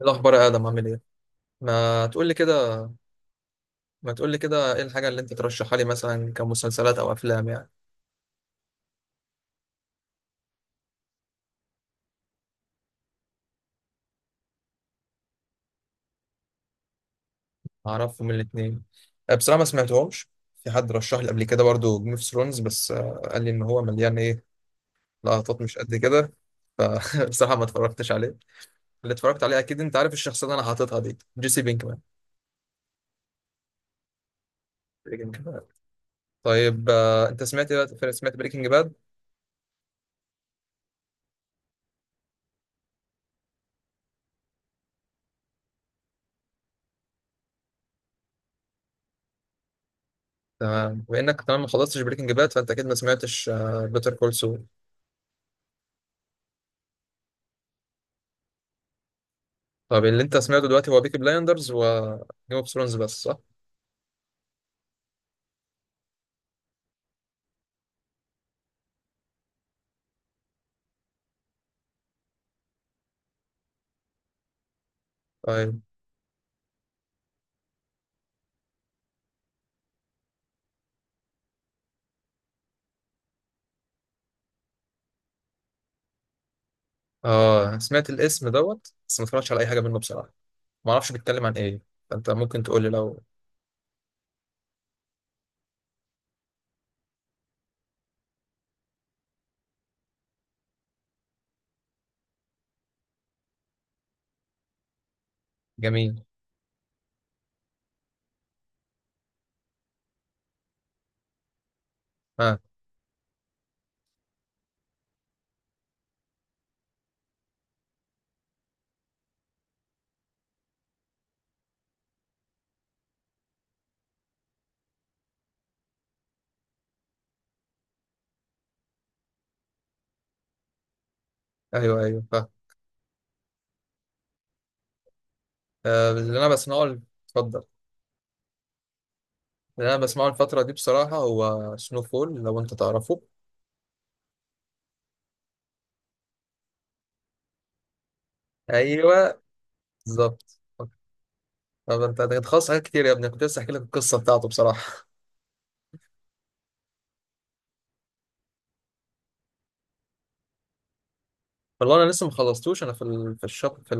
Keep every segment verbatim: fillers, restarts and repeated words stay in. إيه الأخبار يا آدم؟ عامل إيه؟ ما تقول لي كده. ما تقول لي كده، إيه الحاجة اللي أنت ترشحها لي مثلا كمسلسلات أو أفلام يعني؟ أعرفهم الاتنين. أه، بصراحة ما سمعتهمش. في حد رشح لي قبل كده برضو جيم اوف ثرونز، بس أه، قال لي إن هو مليان إيه، لقطات مش قد كده. فبصراحة ما اتفرجتش عليه. اللي اتفرجت عليه، أكيد أنت عارف الشخصية اللي أنا حاططها دي، جيسي بينكمان، بريكنج باد. طيب آه، أنت سمعت سمعت بريكنج باد؟ تمام، وإنك كمان ما خلصتش بريكنج باد فأنت أكيد ما سمعتش بيتر كول سول. طب اللي انت سمعته دلوقتي هو بيكي بلايندرز و جيم اوف ثرونز بس، صح؟ طيب. اه، سمعت الاسم دوت بس ما اتفرجتش على اي حاجه منه بصراحه. ما اعرفش بيتكلم عن ايه، فانت ممكن تقول لي لو. جميل. ها. ايوه ايوه، فا آه، اللي انا بسمعه ال-، اتفضل. اللي انا بسمعه الفتره دي بصراحه هو سنو فول، لو انت تعرفه. ايوه. بالظبط. طب انت انت خلاص حاجات كتير يا ابني، كنت لسه احكي لك القصه بتاعته بصراحه. والله انا لسه ما خلصتوش، انا في ال-، في الشاب، في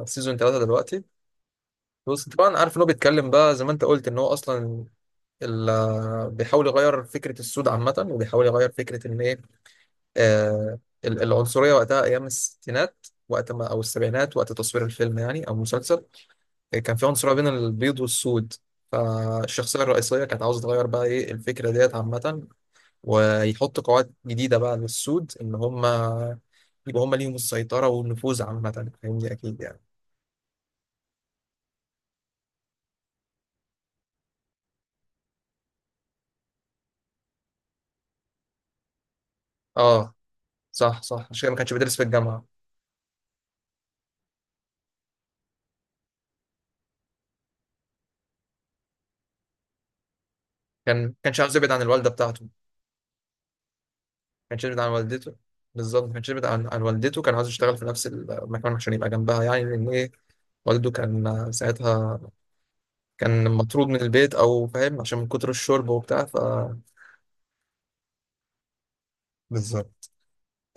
السيزون تلاتة دلوقتي. بص، طبعا عارف ان هو بيتكلم بقى زي ما انت قلت ان هو اصلا ال- آه، بيحاول يغير فكره السود عامه، وبيحاول يغير فكره ان ايه، آه، ال- العنصريه وقتها ايام الستينات، وقت ما او السبعينات، وقت تصوير الفيلم يعني او المسلسل. كان في عنصريه بين البيض والسود، فالشخصيه الرئيسيه كانت عاوزه تغير بقى ايه الفكره ديت عامه، ويحط قواعد جديده بقى للسود، ان هم يبقى هم ليهم السيطره والنفوذ عامه، فاهمني اكيد يعني. اه، صح صح، عشان كده ما كانش بيدرس في الجامعه. كان كانش عاوز يبعد عن الوالده بتاعته، ما كانش يبعد عن والدته. بالظبط، ما كانش يبعد عن, عن والدته، كان عاوز يشتغل في نفس المكان عشان يبقى جنبها يعني، لان ايه، والده كان ساعتها كان مطرود من البيت، او فاهم، عشان من كتر الشرب وبتاع، ف. بالظبط.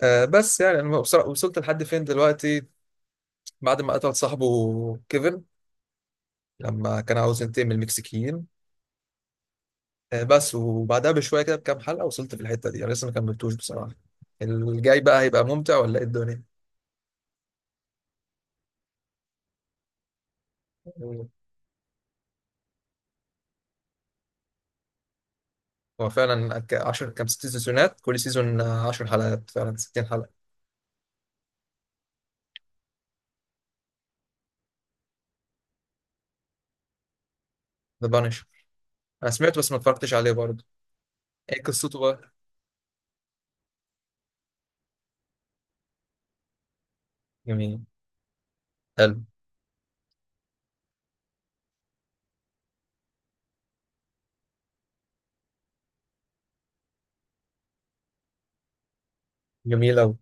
آه بس يعني انا وصل- وصلت لحد فين دلوقتي. بعد ما قتل صاحبه كيفن، لما كان عاوز ينتقم من المكسيكيين. آه بس، وبعدها بشويه كده بكام حلقه، وصلت في الحته دي، انا لسه ما كملتوش بصراحه. الجاي بقى هيبقى ممتع ولا ايه الدنيا؟ هو فعلا ك- عشرة كام، ست سيزونات، كل سيزون عشر حلقات، فعلا ستين حلقة. ذا بانش، انا سمعته بس ما اتفرجتش عليه برضه. ايه قصته بقى؟ جميل. حلو. جميل اوي.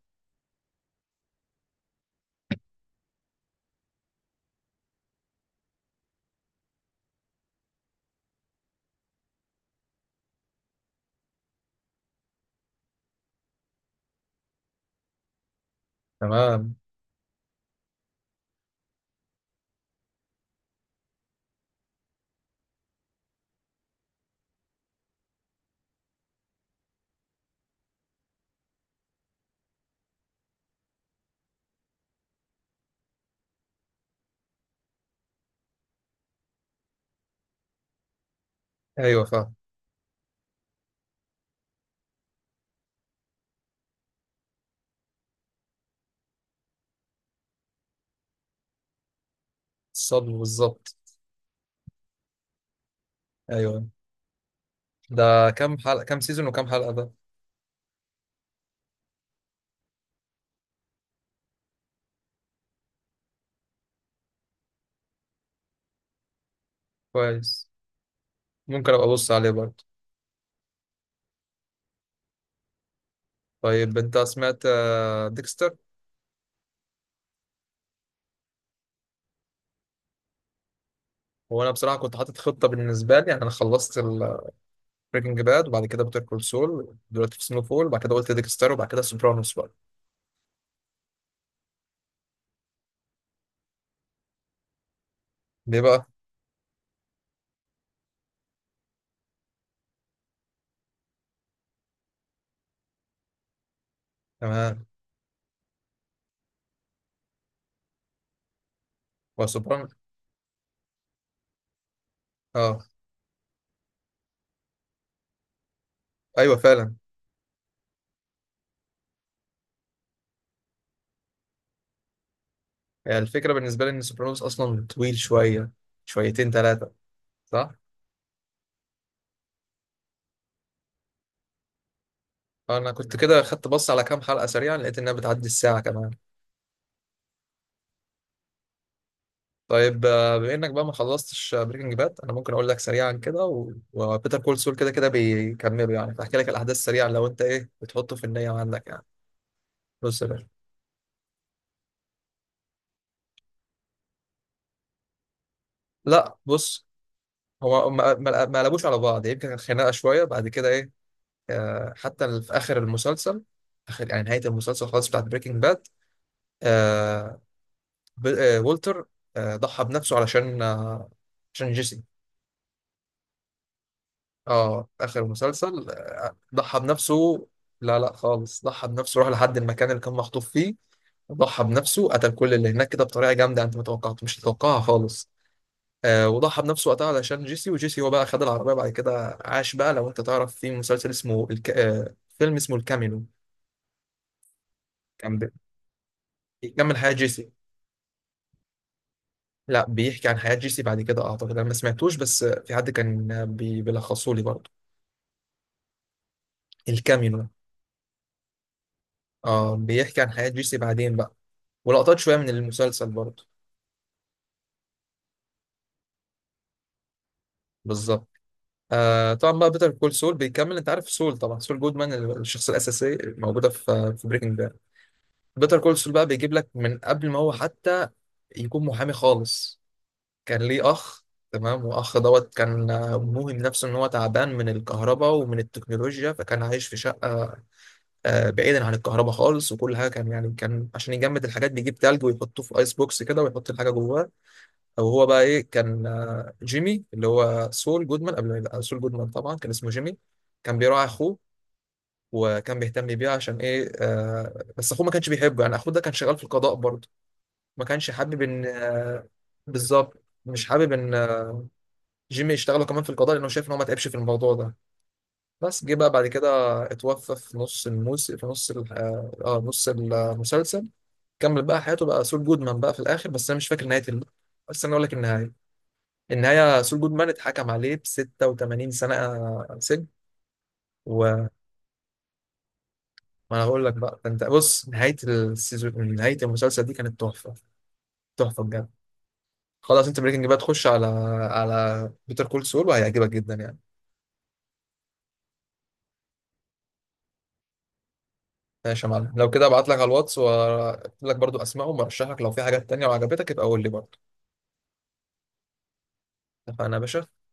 تمام. ايوه فاهم. الصدمة بالظبط. ايوه. ده كام حلقة، كام سيزون وكام حلقة ده؟ كويس. ممكن ابقى ابص عليه برضه. طيب انت سمعت ديكستر؟ هو انا بصراحة كنت حاطط خطة بالنسبة لي يعني، انا خلصت بريكنج باد وبعد كده بيتر كول سول، دلوقتي في سنو فول وبعد كده قلت ديكستر وبعد كده سوبرانوس بقى. ليه بقى؟ تمام. هو، اه، ايوه فعلا. يعني الفكره بالنسبه لي ان سوبرانوس اصلا طويل شويه، شويتين ثلاثه. صح. انا كنت كده خدت بص على كام حلقه سريعا، لقيت انها بتعدي الساعه كمان. طيب، آه، بما انك بقى ما خلصتش بريكنج باد، انا ممكن اقول لك سريعا كده، و- وبيتر كول سول كده كده بيكملوا يعني، فاحكي لك الاحداث سريعا لو انت ايه بتحطه في النيه عندك يعني. بص يا باشا. لا بص، هو ما ما- ما قلبوش على بعض، يمكن كانت خناقه شويه بعد كده ايه، آه، حتى في اخر المسلسل، اخر يعني نهايه المسلسل خالص بتاعت بريكنج باد. ب- آه، والتر، آه، ضحى بنفسه علشان آه، عشان جيسي. اه اخر مسلسل آه، ضحى بنفسه. لا لا خالص، ضحى بنفسه، راح لحد المكان اللي كان مخطوف فيه، ضحى بنفسه، قتل كل اللي هناك كده بطريقه جامده انت ما توقعت مش تتوقعها خالص. آه وضحى بنفسه وقتها علشان جيسي، وجيسي هو بقى خد العربيه بعد كده عاش بقى. لو انت تعرف في مسلسل اسمه الك-، آه فيلم اسمه الكامينو، كان بي- بيكمل حياه جيسي. لا بيحكي عن حياه جيسي بعد كده، اعتقد انا ما سمعتوش، بس آه، في حد كان آه، بي- بيلخصه لي برضه. الكامينو. اه بيحكي عن حياة جيسي بعدين بقى، ولقطات شوية من المسلسل برضه. بالظبط. آه طبعا بقى بيتر كول سول بيكمل، انت عارف سول طبعا، سول جودمان، الشخصية الأساسية موجودة في في بريكنج باد. بيتر كول سول بقى بيجيب لك من قبل ما هو حتى يكون محامي خالص، كان ليه أخ. تمام، وأخ دوت كان آه، موهم نفسه إن هو تعبان من الكهرباء ومن التكنولوجيا، فكان عايش في شقة آه، بعيدا عن الكهرباء خالص، وكل حاجة كان يعني كان عشان يجمد الحاجات بيجيب تلج ويحطه في آيس بوكس كده ويحط الحاجة جواه. او هو بقى ايه، كان آه، جيمي اللي هو سول جودمان قبل ما يبقى سول جودمان طبعا، كان اسمه جيمي، كان بيراعي اخوه وكان بيهتم بيه عشان ايه، آه بس اخوه ما كانش بيحبه يعني. اخوه ده كان شغال في القضاء برضه، ما كانش حابب ان آه، بالظبط مش حابب ان آه، جيمي يشتغله كمان في القضاء لانه شايف ان هو ما تعبش في الموضوع ده. بس جه بقى بعد كده، اتوفى في نص الموسم، في نص ال- اه آه، نص المسلسل. كمل بقى حياته بقى سول جودمان بقى في الاخر، بس انا مش فاكر نهايه ال-. بس انا اقول لك النهايه، النهاية سول جودمان اتحكم عليه ب ستة وتمانين سنة سجن. وما، انا هقول لك بقى ده، انت بص، نهاية السيزون، نهاية المسلسل دي كانت تحفة، تحفة بجد. خلاص، انت بريكنج بقى تخش على على بيتر كول سول وهيعجبك جدا يعني. ماشي يا معلم، لو كده ابعت لك على الواتس واكتب لك برضو اسمائهم، وارشح لك لو في حاجات تانية وعجبتك يبقى قول لي برضو. اتفقنا يا باشا.